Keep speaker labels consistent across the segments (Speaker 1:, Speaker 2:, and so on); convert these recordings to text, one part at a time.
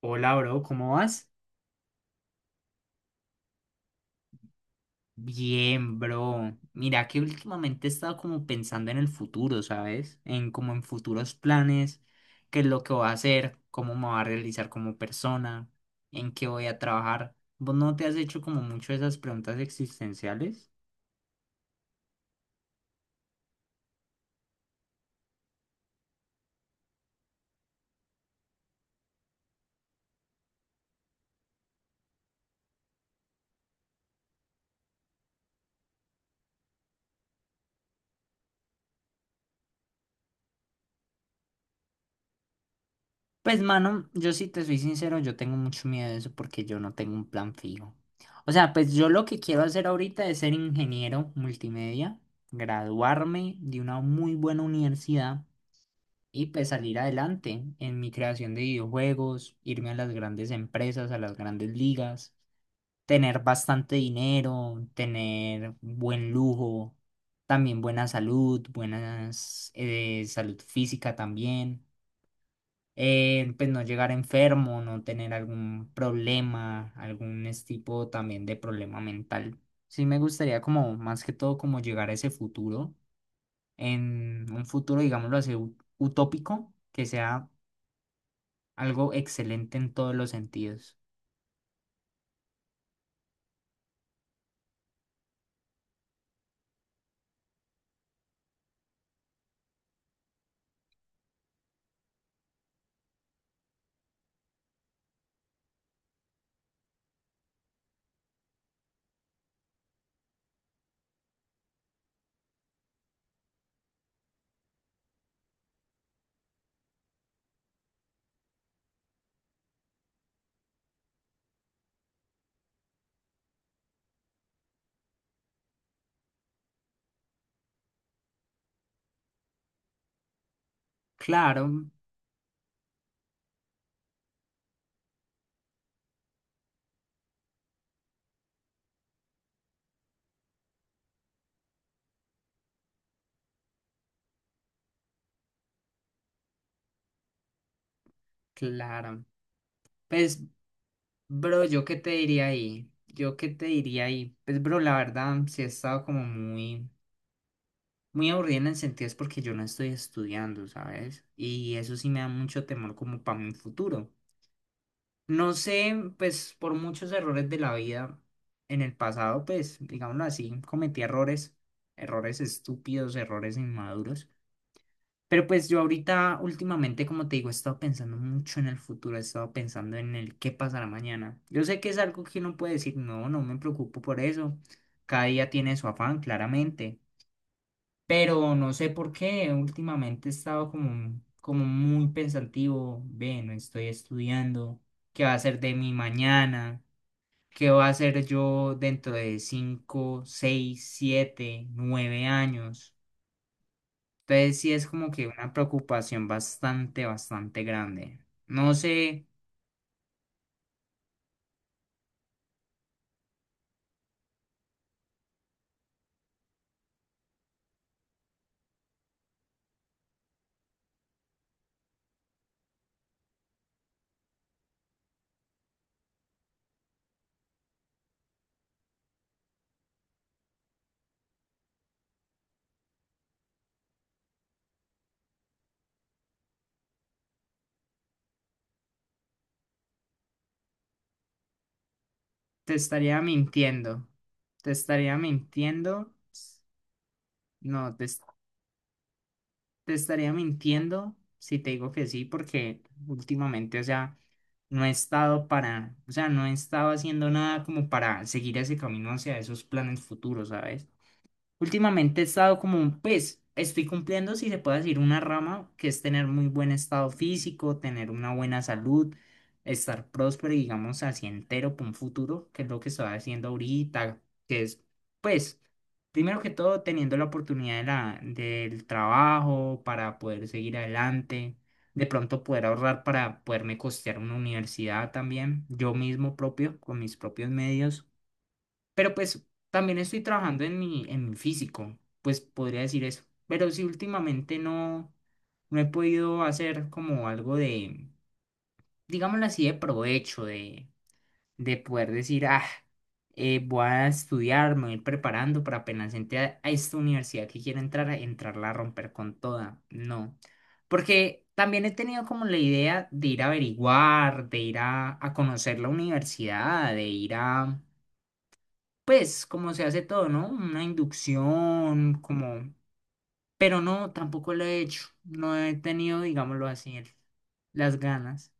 Speaker 1: Hola, bro, ¿cómo vas? Bien, bro. Mira que últimamente he estado como pensando en el futuro, ¿sabes? En como en futuros planes, qué es lo que voy a hacer, cómo me voy a realizar como persona, en qué voy a trabajar. ¿Vos no te has hecho como mucho esas preguntas existenciales? Pues, mano, yo si te soy sincero, yo tengo mucho miedo de eso porque yo no tengo un plan fijo. O sea, pues yo lo que quiero hacer ahorita es ser ingeniero multimedia, graduarme de una muy buena universidad y pues salir adelante en mi creación de videojuegos, irme a las grandes empresas, a las grandes ligas, tener bastante dinero, tener buen lujo, también buena salud, buenas salud física también. Pues no llegar enfermo, no tener algún problema, tipo también de problema mental. Sí me gustaría como más que todo como llegar a ese futuro, en un futuro digámoslo así utópico, que sea algo excelente en todos los sentidos. Claro, claro. Pues, bro, ¿yo qué te diría ahí? ¿Yo qué te diría ahí? Pues, bro, la verdad, sí he estado como muy, muy aburrida en el sentido es porque yo no estoy estudiando, ¿sabes? Y eso sí me da mucho temor como para mi futuro. No sé, pues, por muchos errores de la vida en el pasado, pues, digámoslo así, cometí errores, errores estúpidos, errores inmaduros. Pero pues yo ahorita, últimamente, como te digo, he estado pensando mucho en el futuro, he estado pensando en el qué pasará mañana. Yo sé que es algo que uno puede decir, no, no me preocupo por eso. Cada día tiene su afán, claramente. Pero no sé por qué, últimamente he estado como, como muy pensativo, ve, no estoy estudiando, qué va a ser de mi mañana, qué va a ser yo dentro de 5, 6, 7, 9 años. Entonces sí es como que una preocupación bastante, bastante grande. No sé, te estaría mintiendo. Te estaría mintiendo. No, te, es- Te estaría mintiendo si te digo que sí, porque últimamente, o sea, no he estado para, o sea, no he estado haciendo nada como para seguir ese camino hacia esos planes futuros, ¿sabes? Últimamente he estado como un pues, estoy cumpliendo, si se puede decir, una rama que es tener muy buen estado físico, tener una buena salud, estar próspero y digamos así entero para un futuro, que es lo que estoy haciendo ahorita, que es pues, primero que todo, teniendo la oportunidad de del trabajo para poder seguir adelante, de pronto poder ahorrar para poderme costear una universidad también, yo mismo propio, con mis propios medios. Pero pues también estoy trabajando en mi físico, pues podría decir eso. Pero sí, últimamente no, no he podido hacer como algo de, digámoslo así, de provecho, de poder decir, voy a estudiar, me voy a ir preparando para apenas a esta universidad que quiero entrar, a entrarla a romper con toda. No. Porque también he tenido como la idea de ir a averiguar, de ir a conocer la universidad, de ir a pues como se hace todo, ¿no? Una inducción, como... Pero no, tampoco lo he hecho. No he tenido, digámoslo así, las ganas.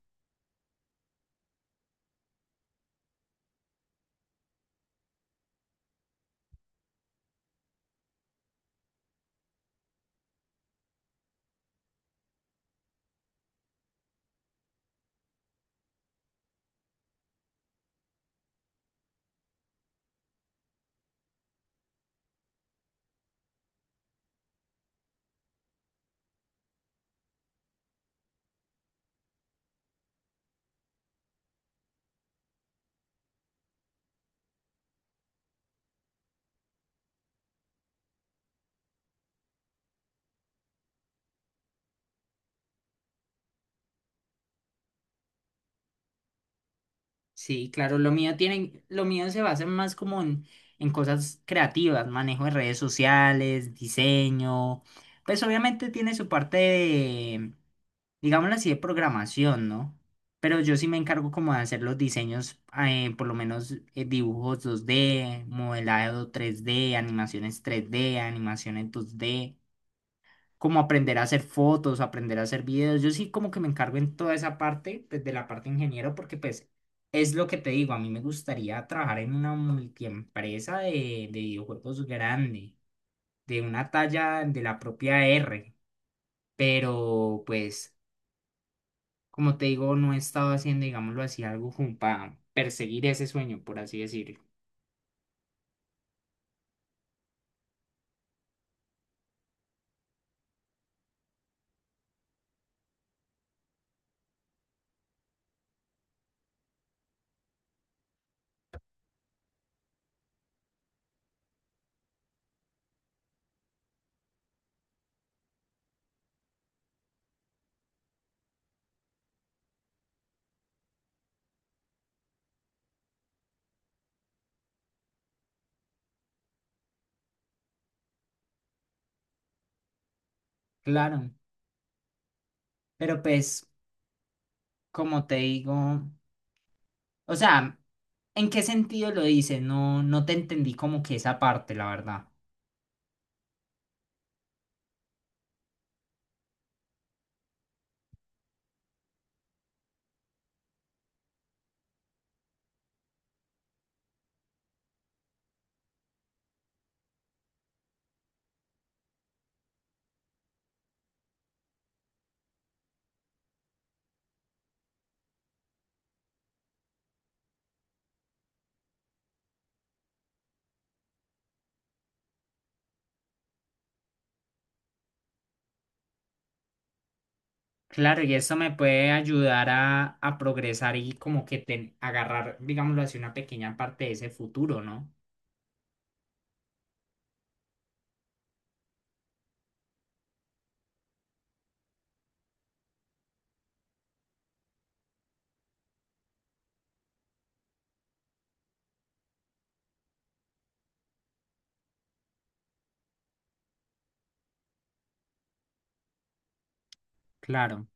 Speaker 1: Sí, claro, lo mío tiene, lo mío se basa más como en cosas creativas, manejo de redes sociales, diseño. Pues obviamente tiene su parte digámoslo así, de programación, ¿no? Pero yo sí me encargo como de hacer los diseños, por lo menos dibujos 2D, modelado 3D, animaciones 3D, animaciones 2D, como aprender a hacer fotos, aprender a hacer videos. Yo sí como que me encargo en toda esa parte, pues de la parte ingeniero, porque pues es lo que te digo, a mí me gustaría trabajar en una multiempresa de videojuegos grande, de una talla de la propia R, pero pues... Como te digo, no he estado haciendo, digámoslo así, algo como para perseguir ese sueño, por así decirlo. Claro, pero pues, como te digo, o sea, ¿en qué sentido lo dices? No, no te entendí como que esa parte, la verdad. Claro, y eso me puede ayudar a progresar y como que agarrar, digámoslo así, una pequeña parte de ese futuro, ¿no? Claro.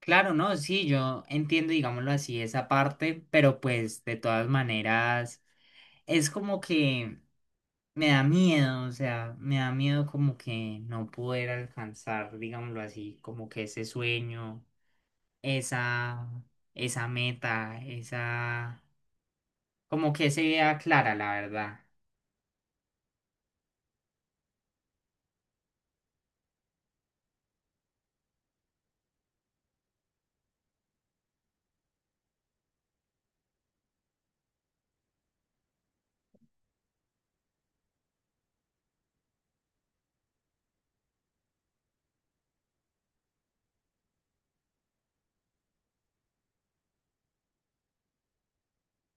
Speaker 1: Claro, no, sí, yo entiendo, digámoslo así, esa parte, pero pues de todas maneras es como que me da miedo, o sea, me da miedo como que no poder alcanzar, digámoslo así, como que ese sueño, esa, esa meta, esa, como que se vea clara, la verdad.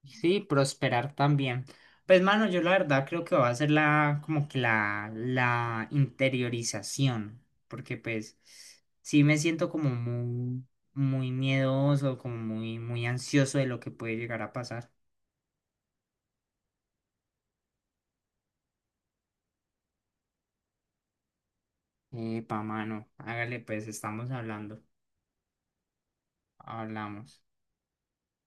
Speaker 1: Sí, prosperar también. Pues, mano, yo la verdad creo que va a ser la, como que la interiorización, porque pues sí me siento como muy, muy miedoso, como muy, muy ansioso de lo que puede llegar a pasar. Epa, mano, hágale pues, estamos hablando, hablamos.